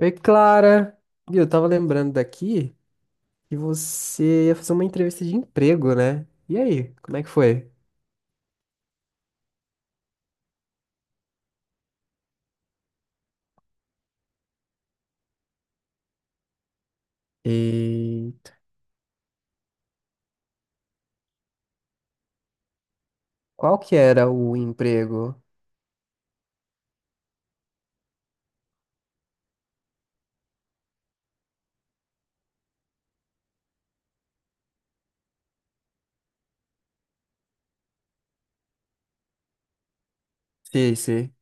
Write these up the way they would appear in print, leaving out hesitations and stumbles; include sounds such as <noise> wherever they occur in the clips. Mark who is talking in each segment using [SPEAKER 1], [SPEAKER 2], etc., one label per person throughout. [SPEAKER 1] Oi, Clara. Viu, eu tava lembrando daqui que você ia fazer uma entrevista de emprego, né? E aí, como é que foi? E qual que era o emprego? Sim.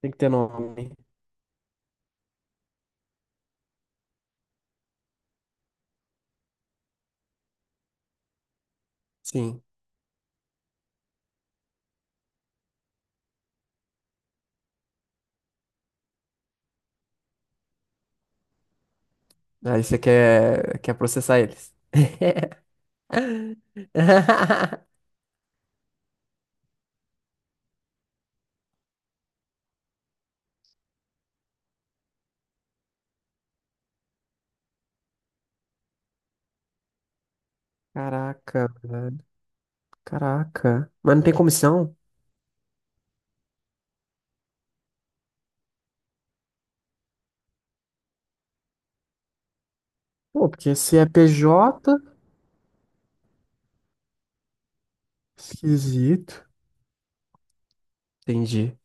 [SPEAKER 1] Tem que ter nome. Sim. Aí você quer processar eles. <laughs> Caraca, velho. Caraca. Mas não tem comissão? Pô, porque se é PJ, esquisito. Entendi.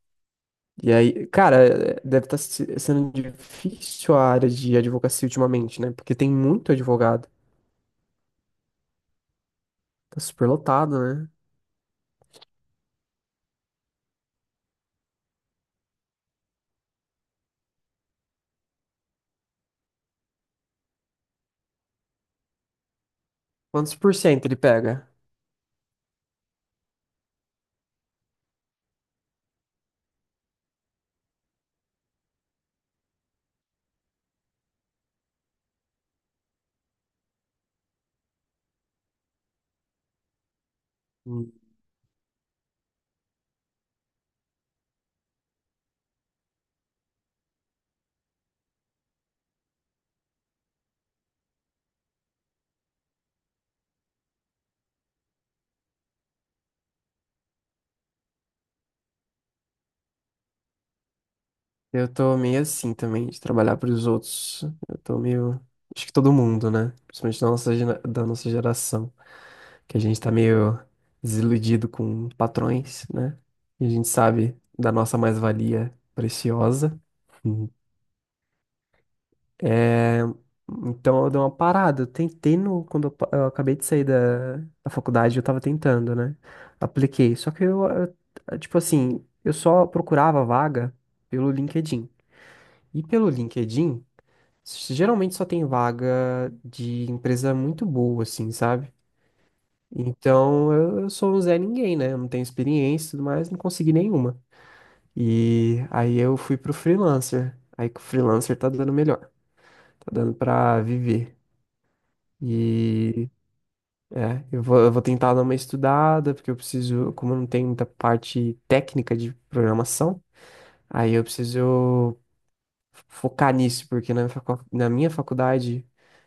[SPEAKER 1] E aí, cara, deve estar sendo difícil a área de advocacia ultimamente, né? Porque tem muito advogado. Tá super lotado, né? Quantos por cento ele pega? Hum. Eu tô meio assim também, de trabalhar pros outros. Eu tô meio. Acho que todo mundo, né? Principalmente da nossa, da nossa geração. Que a gente tá meio desiludido com patrões, né? E a gente sabe da nossa mais-valia preciosa. <laughs> É, então eu dei uma parada. Eu tentei no, quando eu, eu acabei de sair da, faculdade, eu tava tentando, né? Apliquei. Só que eu, tipo assim, eu só procurava vaga pelo LinkedIn. E pelo LinkedIn, geralmente só tem vaga de empresa muito boa, assim, sabe? Então eu sou um Zé Ninguém, né? Eu não tenho experiência e tudo mais, não consegui nenhuma. E aí eu fui pro freelancer. Aí que o freelancer tá dando melhor, tá dando pra viver. E eu vou tentar dar uma estudada, porque eu preciso, como eu não tenho muita parte técnica de programação, aí eu preciso focar nisso, porque na, na minha faculdade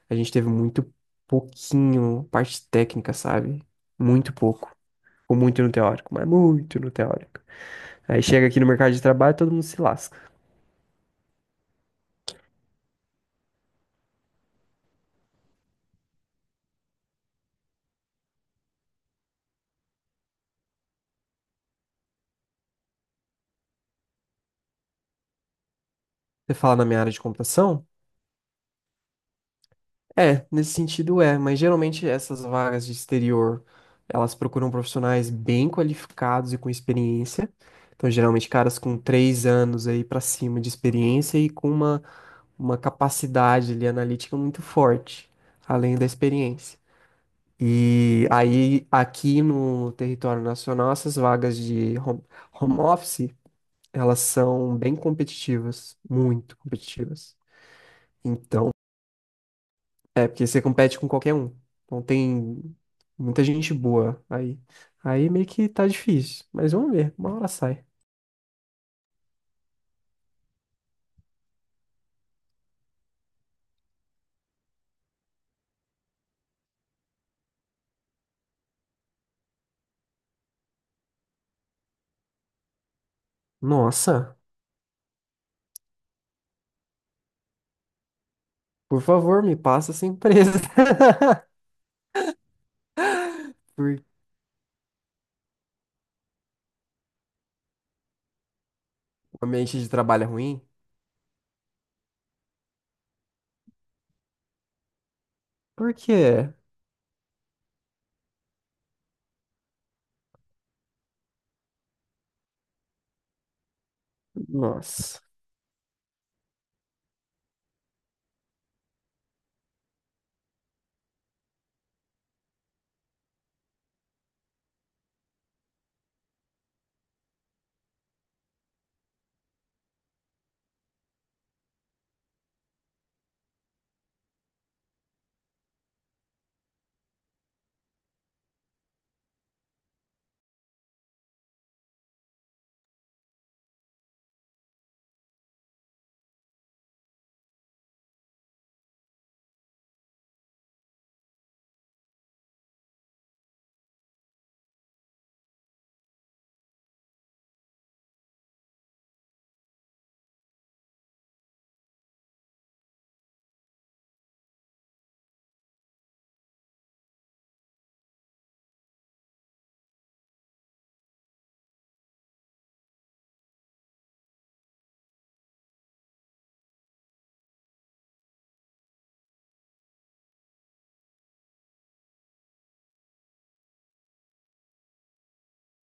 [SPEAKER 1] a gente teve muito pouquinho parte técnica, sabe? Muito pouco. Ou muito no teórico, mas muito no teórico. Aí chega aqui no mercado de trabalho, todo mundo se lasca. Você fala na minha área de computação? É, nesse sentido é, mas geralmente essas vagas de exterior, elas procuram profissionais bem qualificados e com experiência. Então, geralmente caras com três anos aí pra cima de experiência e com uma capacidade ali analítica muito forte, além da experiência. E aí, aqui no território nacional, essas vagas de home office, elas são bem competitivas, muito competitivas. Então é, porque você compete com qualquer um. Então tem muita gente boa aí. Aí meio que tá difícil. Mas vamos ver, uma hora sai. Nossa, por favor, me passa essa empresa. <laughs> Por o ambiente de trabalho é ruim? Por quê? Nossa.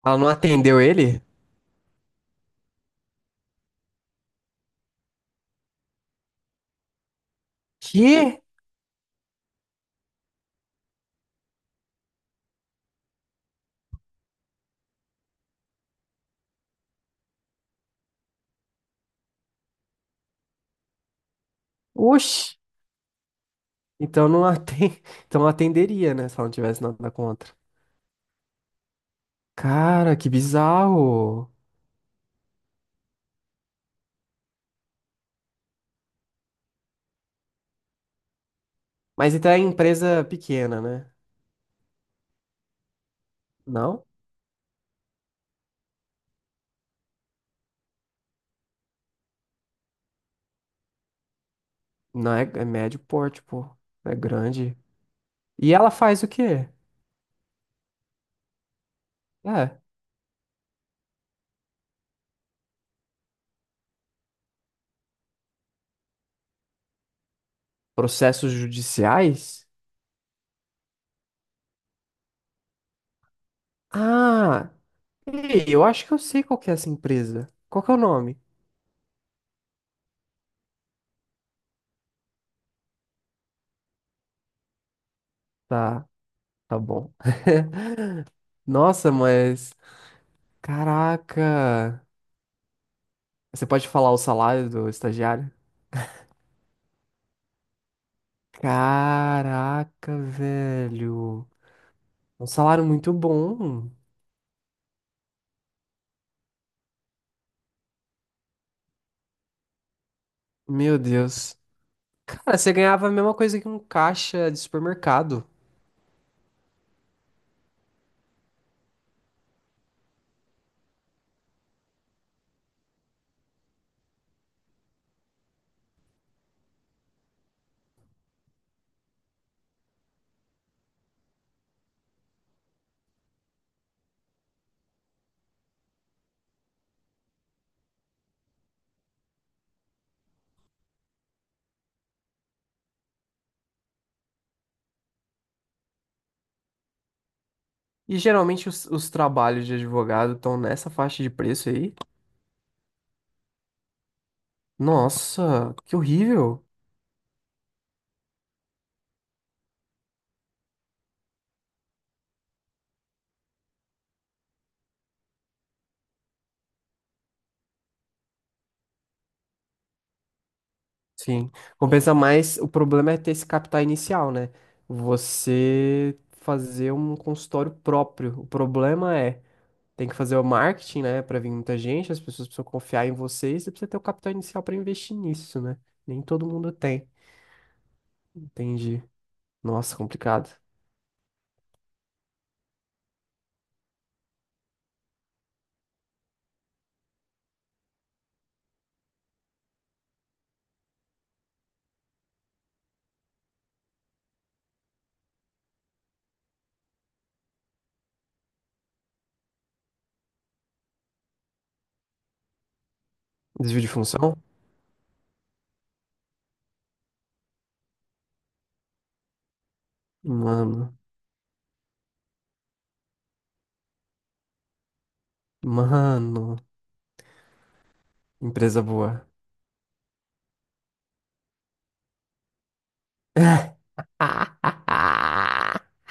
[SPEAKER 1] Ela não atendeu ele? Que? Oxi. Então não atende. <laughs> Então não atenderia, né? Se ela não tivesse nada contra. Cara, que bizarro. Mas então é empresa pequena, né? Não? Não é, é médio porte, pô. É grande. E ela faz o quê? É. Processos judiciais? Ah, ei, eu acho que eu sei qual que é essa empresa. Qual que é o nome? Tá, tá bom. <laughs> Nossa, mas. Caraca. Você pode falar o salário do estagiário? Caraca, velho. Um salário muito bom. Meu Deus. Cara, você ganhava a mesma coisa que um caixa de supermercado. E geralmente os trabalhos de advogado estão nessa faixa de preço aí? Nossa, que horrível. Sim, compensa mais. O problema é ter esse capital inicial, né? Você fazer um consultório próprio. O problema é, tem que fazer o marketing, né? Pra vir muita gente, as pessoas precisam confiar em você e você precisa ter o capital inicial pra investir nisso, né? Nem todo mundo tem. Entendi. Nossa, complicado. Desvio de função? Mano, mano, empresa boa. <laughs>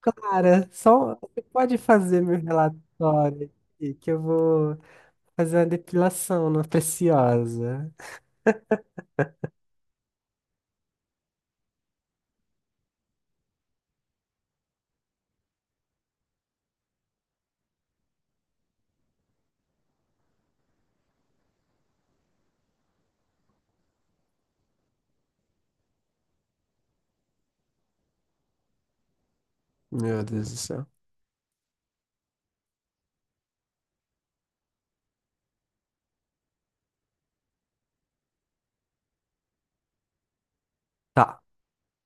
[SPEAKER 1] Cara, só você pode fazer meu relatório aqui, que eu vou fazer uma depilação na preciosa. Meu Deus do céu. Tá.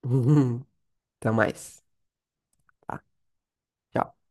[SPEAKER 1] <laughs> Até mais. Tá. Tchau.